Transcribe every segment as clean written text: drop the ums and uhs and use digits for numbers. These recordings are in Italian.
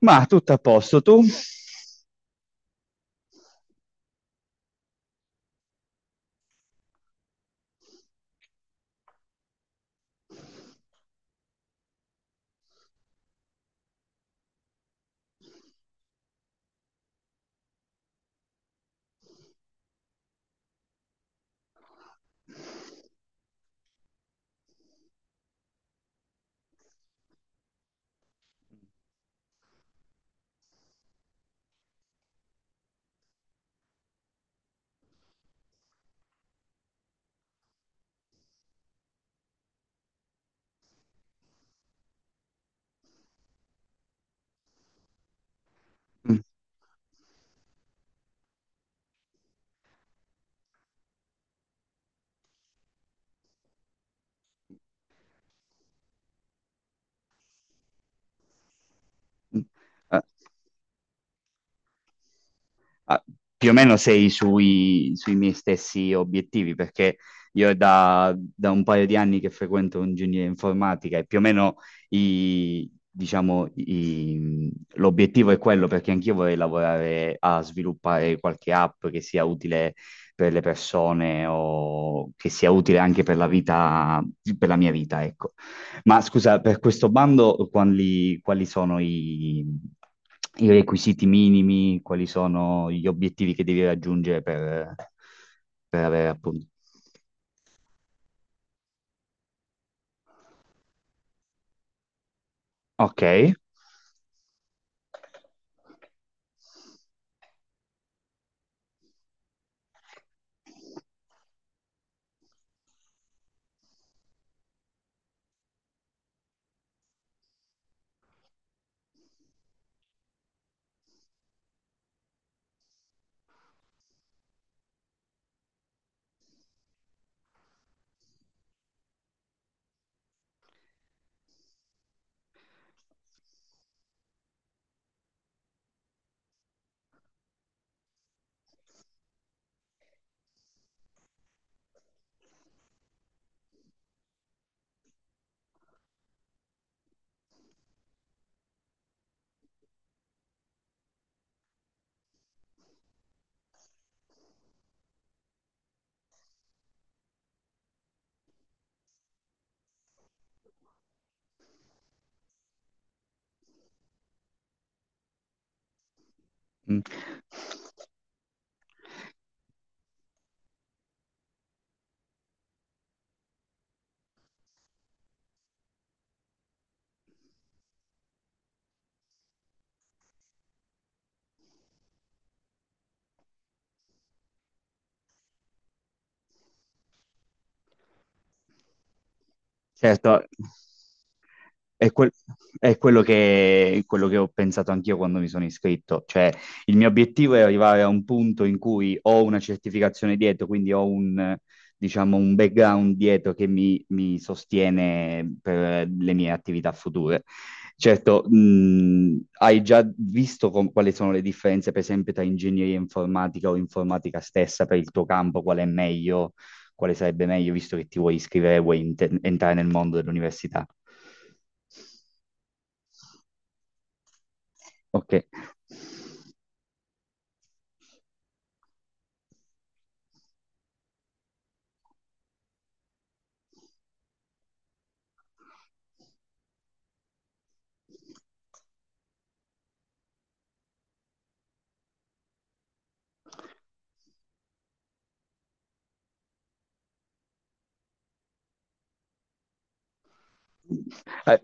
Ma tutto a posto, tu? Mm, mm. Eh, Ah, più o meno sei sui miei stessi obiettivi, perché io è da un paio di anni che frequento ingegneria informatica e più o meno i- diciamo, l'obiettivo è quello, perché anch'io vorrei lavorare a sviluppare qualche app che sia utile per le persone o che sia utile anche per la vita, per la mia vita, ecco. Ma scusa, per questo bando quali sono i requisiti minimi, quali sono gli obiettivi che devi raggiungere per avere appunto. Ok. Mm. Certo, è, quel- è quello che ho pensato anch'io quando mi sono iscritto, cioè il mio obiettivo è arrivare a un punto in cui ho una certificazione dietro, quindi ho un, diciamo, un background dietro che mi sostiene per le mie attività future. Certo, hai già visto quali sono le differenze, per esempio, tra ingegneria informatica o informatica stessa per il tuo campo, qual è meglio? Quale sarebbe meglio, visto che ti vuoi iscrivere, vuoi entrare nel mondo dell'università. Ok. Eh,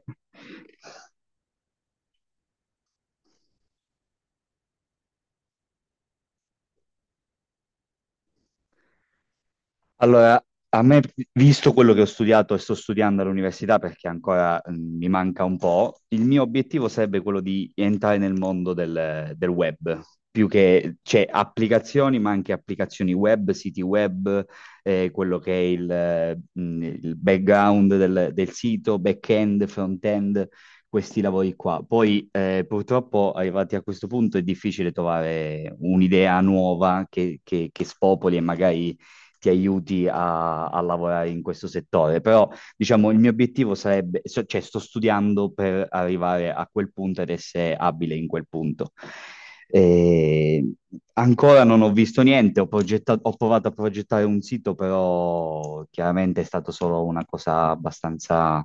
Allora, a me, visto quello che ho studiato e sto studiando all'università, perché ancora mi manca un po', il mio obiettivo sarebbe quello di entrare nel mondo del web, più che, cioè, applicazioni, ma anche applicazioni web, siti web, quello che è il background del sito, back-end, front-end, questi lavori qua. Poi, purtroppo, arrivati a questo punto, è difficile trovare un'idea nuova che, che spopoli e magari ti aiuti a lavorare in questo settore. Però, diciamo, il mio obiettivo sarebbe, cioè sto studiando per arrivare a quel punto ed essere abile in quel punto. E ancora non ho visto niente, ho provato a progettare un sito, però chiaramente è stato solo una cosa abbastanza,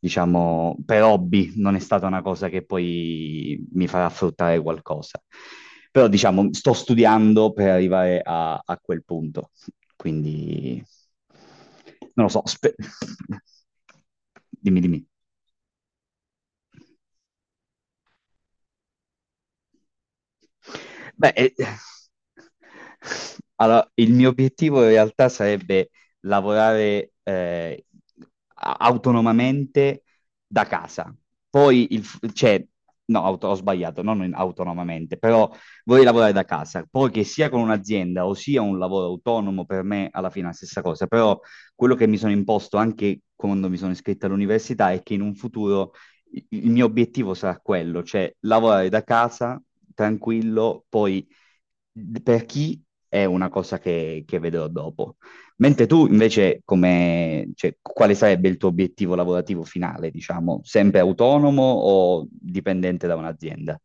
diciamo, per hobby, non è stata una cosa che poi mi farà fruttare qualcosa. Però diciamo, sto studiando per arrivare a quel punto. Quindi, non lo so, dimmi, dimmi. Beh, allora, il mio obiettivo in realtà sarebbe lavorare autonomamente da casa. Poi, cioè, no, ho sbagliato, non autonomamente, però vorrei lavorare da casa. Poi che sia con un'azienda o sia un lavoro autonomo, per me alla fine è la stessa cosa. Però quello che mi sono imposto anche quando mi sono iscritto all'università è che in un futuro il mio obiettivo sarà quello, cioè lavorare da casa tranquillo, poi per chi è una cosa che vedrò dopo. Mentre tu invece, come, cioè, quale sarebbe il tuo obiettivo lavorativo finale, diciamo? Sempre autonomo o dipendente da un'azienda?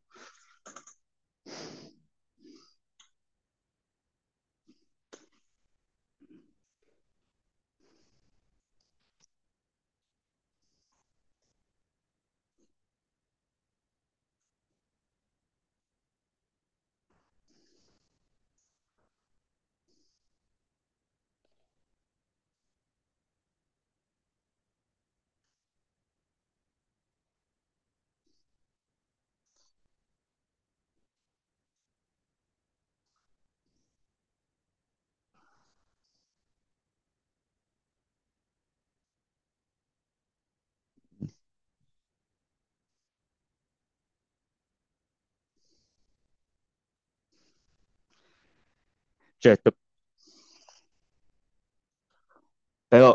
Certo. Però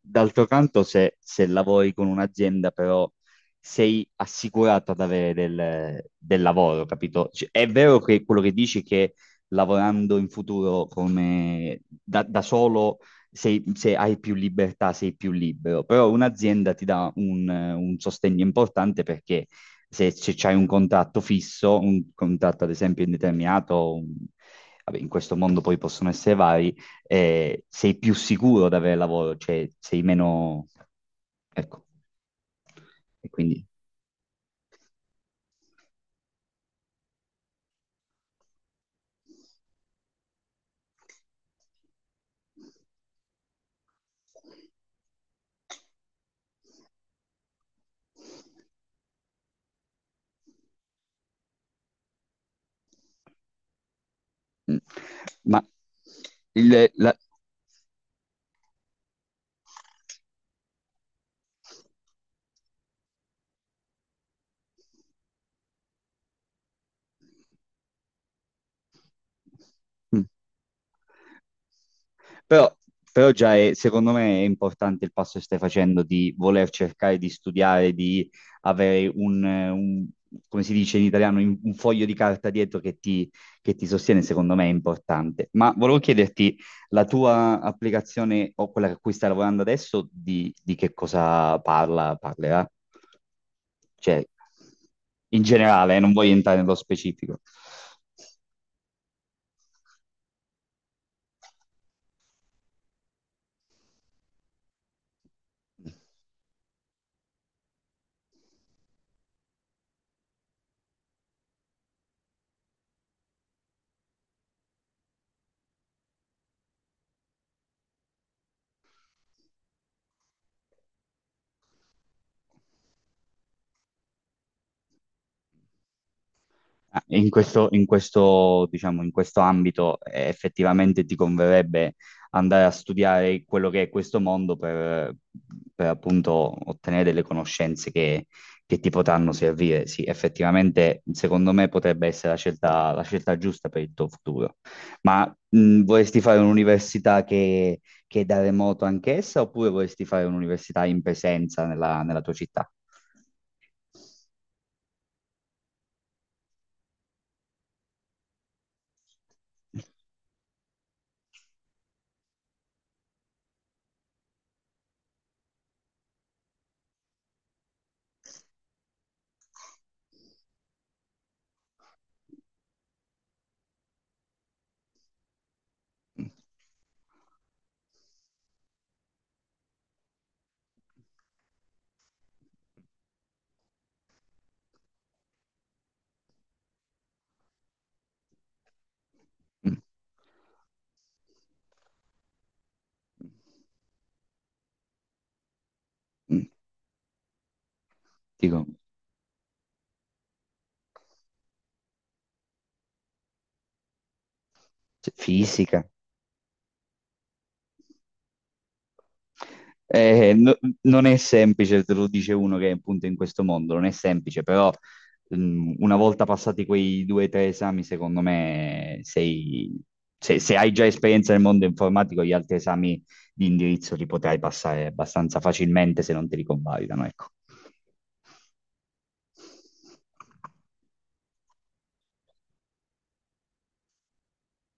d'altro canto se lavori con un'azienda però sei assicurato ad avere del lavoro, capito? Cioè, è vero che quello che dici che lavorando in futuro come da solo se hai più libertà, sei più libero, però un'azienda ti dà un sostegno importante perché se c'hai un contratto fisso, un contratto ad esempio indeterminato, vabbè, in questo mondo poi possono essere vari, sei più sicuro di avere lavoro, cioè sei meno. Ecco, e quindi. Mm. Ma il, la. Mm. Però, però, già secondo me è importante il passo che stai facendo di voler cercare di studiare, di avere come si dice in italiano, un foglio di carta dietro che che ti sostiene, secondo me è importante. Ma volevo chiederti, la tua applicazione o quella a cui stai lavorando adesso, di che cosa parla, parlerà? Cioè, in generale, non voglio entrare nello specifico. In questo, diciamo, in questo ambito effettivamente ti converrebbe andare a studiare quello che è questo mondo per appunto ottenere delle conoscenze che ti potranno servire. Sì, effettivamente secondo me potrebbe essere la scelta giusta per il tuo futuro. Ma vorresti fare un'università che è da remoto anch'essa oppure vorresti fare un'università in presenza nella tua città? Mm, mm. Mm. Dico, cioè, fisica. Eh, no- non è semplice, te lo dice uno che è appunto in questo mondo, non è semplice, però una volta passati quei due o tre esami, secondo me sei. Se hai già esperienza nel mondo informatico, gli altri esami di indirizzo li potrai passare abbastanza facilmente se non te li convalidano, ecco.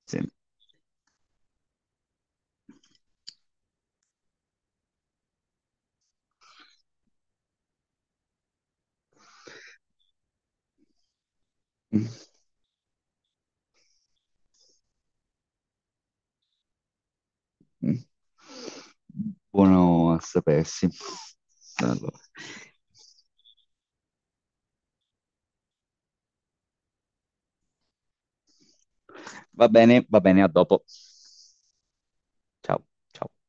Sì. Mm. Mm. Buono a sapersi. Allora. Va bene, a dopo. Ciao, ciao.